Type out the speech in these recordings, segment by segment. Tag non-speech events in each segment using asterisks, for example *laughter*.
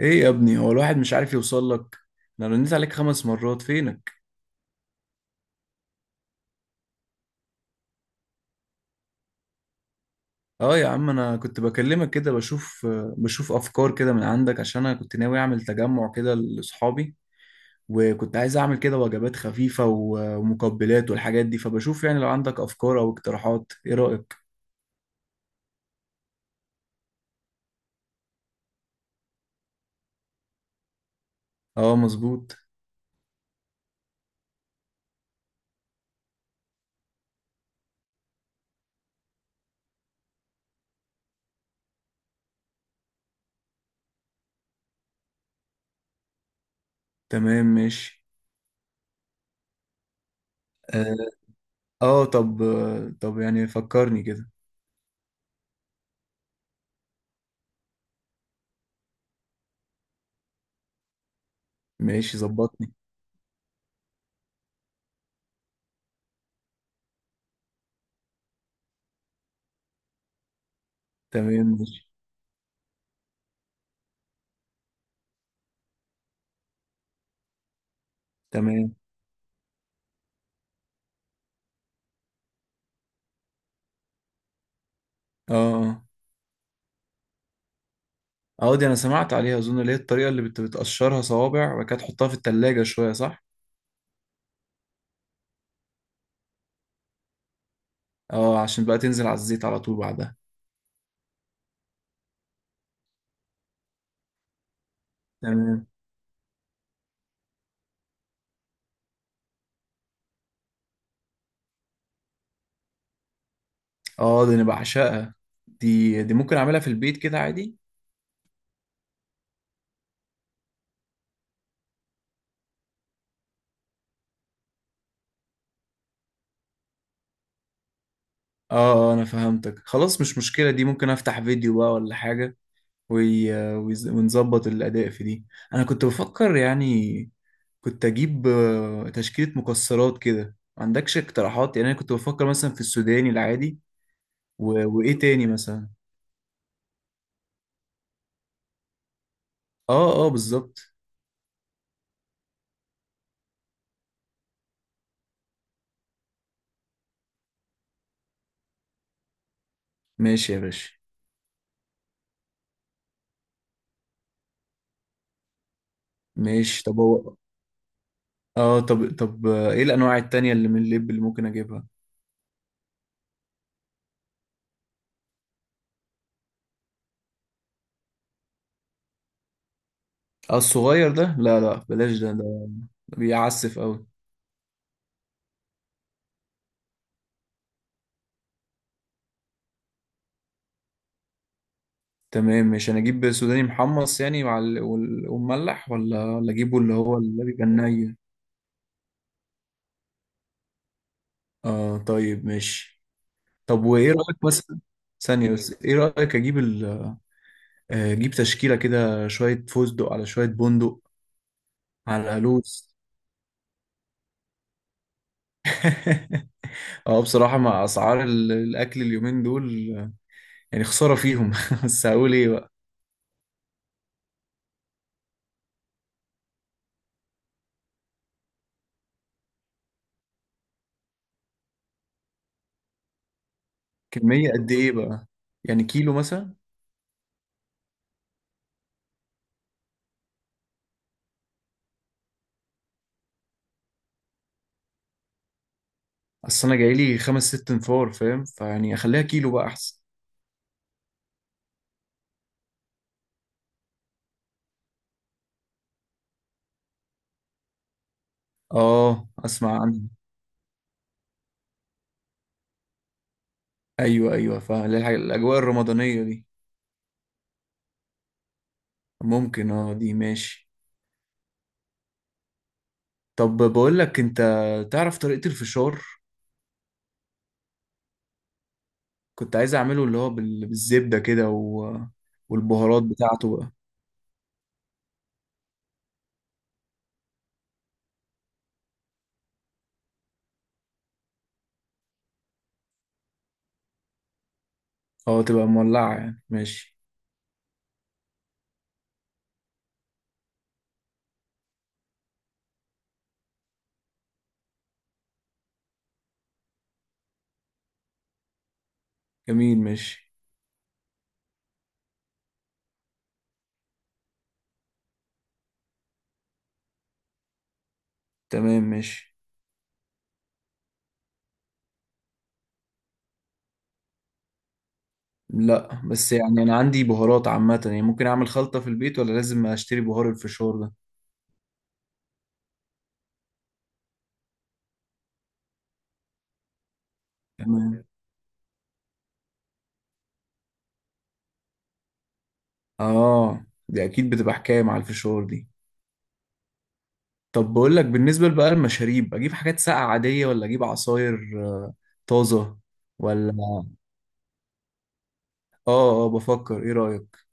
ايه يا ابني، هو الواحد مش عارف يوصل لك. انا رنيت عليك 5 مرات. فينك؟ اه يا عم، انا كنت بكلمك كده بشوف افكار كده من عندك، عشان انا كنت ناوي اعمل تجمع كده لاصحابي. وكنت عايز اعمل كده وجبات خفيفة ومقبلات والحاجات دي. فبشوف يعني، لو عندك افكار او اقتراحات، ايه رأيك؟ اه، مظبوط. تمام، ماشي. اه. آه، طب طب يعني فكرني كده. ماشي، ظبطني. تمام، ماشي. تمام. اه، اه. اه، دي انا سمعت عليها اظن، اللي هي الطريقه اللي بتقشرها صوابع وبعد كده تحطها في التلاجة شويه، صح؟ اه، عشان بقى تنزل على الزيت على طول بعدها. تمام. اه دي انا بعشقها. دي ممكن اعملها في البيت كده عادي. اه. انا فهمتك خلاص، مش مشكله، دي ممكن افتح فيديو بقى ولا حاجه. ونظبط الاداء في دي. انا كنت بفكر يعني، كنت اجيب تشكيله مكسرات كده، ما عندكش اقتراحات؟ يعني انا كنت بفكر مثلا في السوداني العادي. و... وايه تاني مثلا؟ اه، اه بالظبط. ماشي يا باشا. ماشي، طب هو. اه، طب ايه الانواع التانية اللي من اللب اللي ممكن اجيبها؟ اه الصغير ده، لا لا بلاش. ده بيعسف قوي. تمام. مش انا اجيب سوداني محمص يعني ومملح، ولا اجيبه اللي هو اللي بيبقى الني؟ اه طيب ماشي. طب وايه رايك مثلا؟ ثانية بس، ايه رايك اجيب اجيب تشكيلة كده شوية فستق على شوية بندق على لوز. *laughs* اه، بصراحة مع اسعار الاكل اليومين دول يعني خسارة فيهم. *laughs* بس هقول ايه بقى؟ كمية قد ايه بقى؟ يعني كيلو مثلا؟ اصل انا جايلي خمس ست انفار فاهم، فيعني اخليها كيلو بقى احسن. اه، اسمع عنها. ايوه، ايوه، فاهم الاجواء الرمضانية دي. ممكن، اه دي ماشي. طب بقول لك، انت تعرف طريقة الفشار؟ كنت عايز اعمله، اللي هو بالزبدة كده والبهارات بتاعته بقى. اه، تبقى مولعة يعني، ماشي. جميل، ماشي. تمام، ماشي. لا بس يعني، انا عندي بهارات عامه يعني، ممكن اعمل خلطه في البيت ولا لازم اشتري بهار الفشار ده؟ تمام. اه، دي اكيد بتبقى حكايه مع الفشار دي. طب بقول لك، بالنسبه بقى المشاريب، اجيب حاجات ساقعه عاديه ولا اجيب عصاير آه، طازه؟ ولا... اه، اه بفكر، ايه رايك؟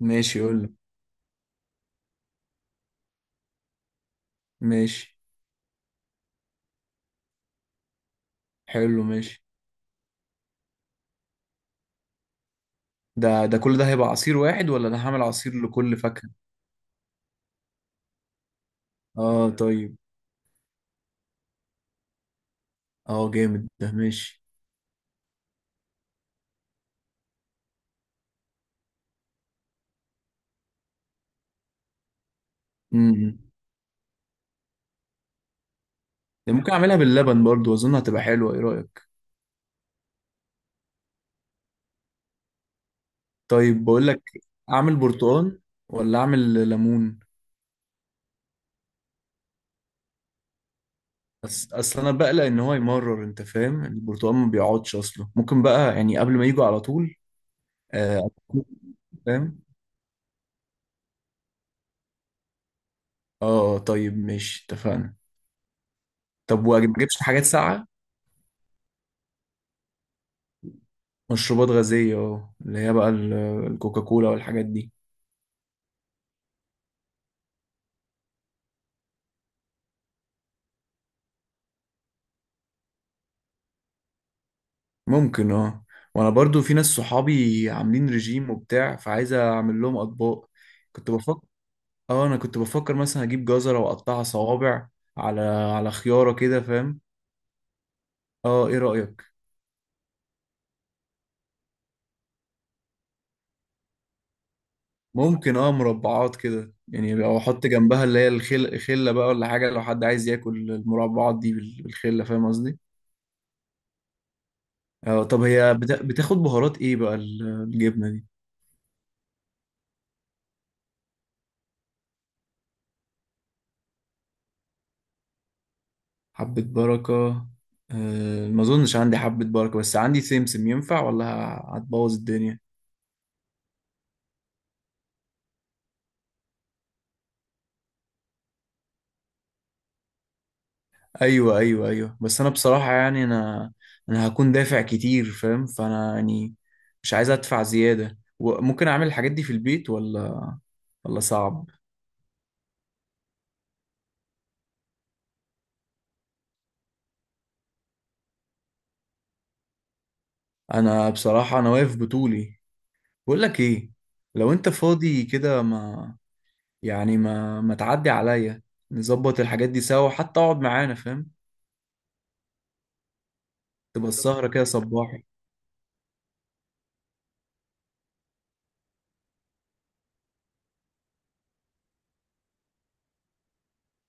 ماشي، اقول لك. ماشي. حلو، ماشي. ده كل ده هيبقى عصير واحد ولا انا هعمل عصير لكل فاكهه؟ اه طيب. اه جامد، ده ماشي. امم ممكن اعملها باللبن برضو، اظن هتبقى حلوه، ايه رايك؟ طيب بقول لك، اعمل برتقال ولا اعمل ليمون؟ بس اصل انا بقلق ان هو يمرر، انت فاهم، البرتقال ما بيقعدش اصله، ممكن بقى يعني قبل ما يجوا على طول. آه، فاهم. اه طيب ماشي، اتفقنا. طب وما اجيبش حاجات ساقعه؟ مشروبات غازيه، اه، اللي هي بقى الكوكاكولا والحاجات دي. ممكن، اه. وانا برضو في ناس صحابي عاملين رجيم وبتاع، فعايز اعمل لهم اطباق. كنت بفكر، اه، انا كنت بفكر مثلا اجيب جزرة واقطعها صوابع على على خيارة كده فاهم. اه، ايه رأيك؟ ممكن، اه، مربعات كده، يعني لو احط جنبها اللي هي خلة بقى ولا حاجة. لو حد عايز ياكل المربعات دي بالخلة، فاهم قصدي؟ اه. طب هي بتاخد بهارات ايه بقى الجبنة دي؟ حبة بركة؟ ما اظنش عندي حبة بركة، بس عندي سمسم، ينفع ولا هتبوظ الدنيا؟ ايوه، ايوه، ايوه، بس انا بصراحه يعني، انا هكون دافع كتير فاهم، فانا يعني مش عايز ادفع زياده. وممكن اعمل الحاجات دي في البيت ولا صعب؟ انا بصراحه، انا واقف بطولي. بقول لك ايه، لو انت فاضي كده، ما يعني ما تعدي عليا، نظبط الحاجات دي سوا، حتى اقعد معانا فاهم، تبقى السهره كده صباحي.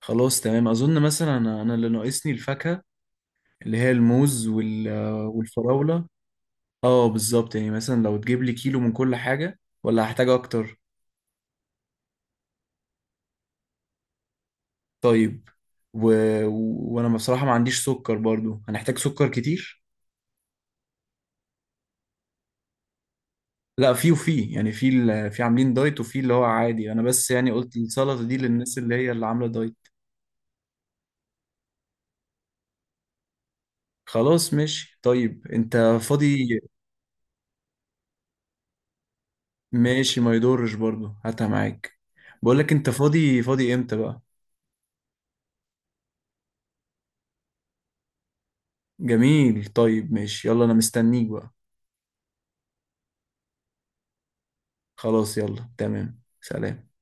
خلاص تمام، اظن مثلا أنا اللي ناقصني الفاكهه، اللي هي الموز والفراوله. اه، بالظبط. يعني مثلا لو تجيب لي كيلو من كل حاجة ولا هحتاج اكتر؟ طيب. و... وانا بصراحة ما عنديش سكر برضو، هنحتاج سكر كتير. لا، في وفي يعني، في في عاملين دايت وفي اللي هو عادي. انا بس يعني قلت السلطة دي للناس اللي هي اللي عاملة دايت. خلاص ماشي طيب. انت فاضي؟ ماشي، ما يضرش برضو، هاتها معاك. بقول لك، انت فاضي امتى بقى؟ جميل طيب ماشي، يلا انا مستنيك بقى. خلاص يلا تمام، سلام.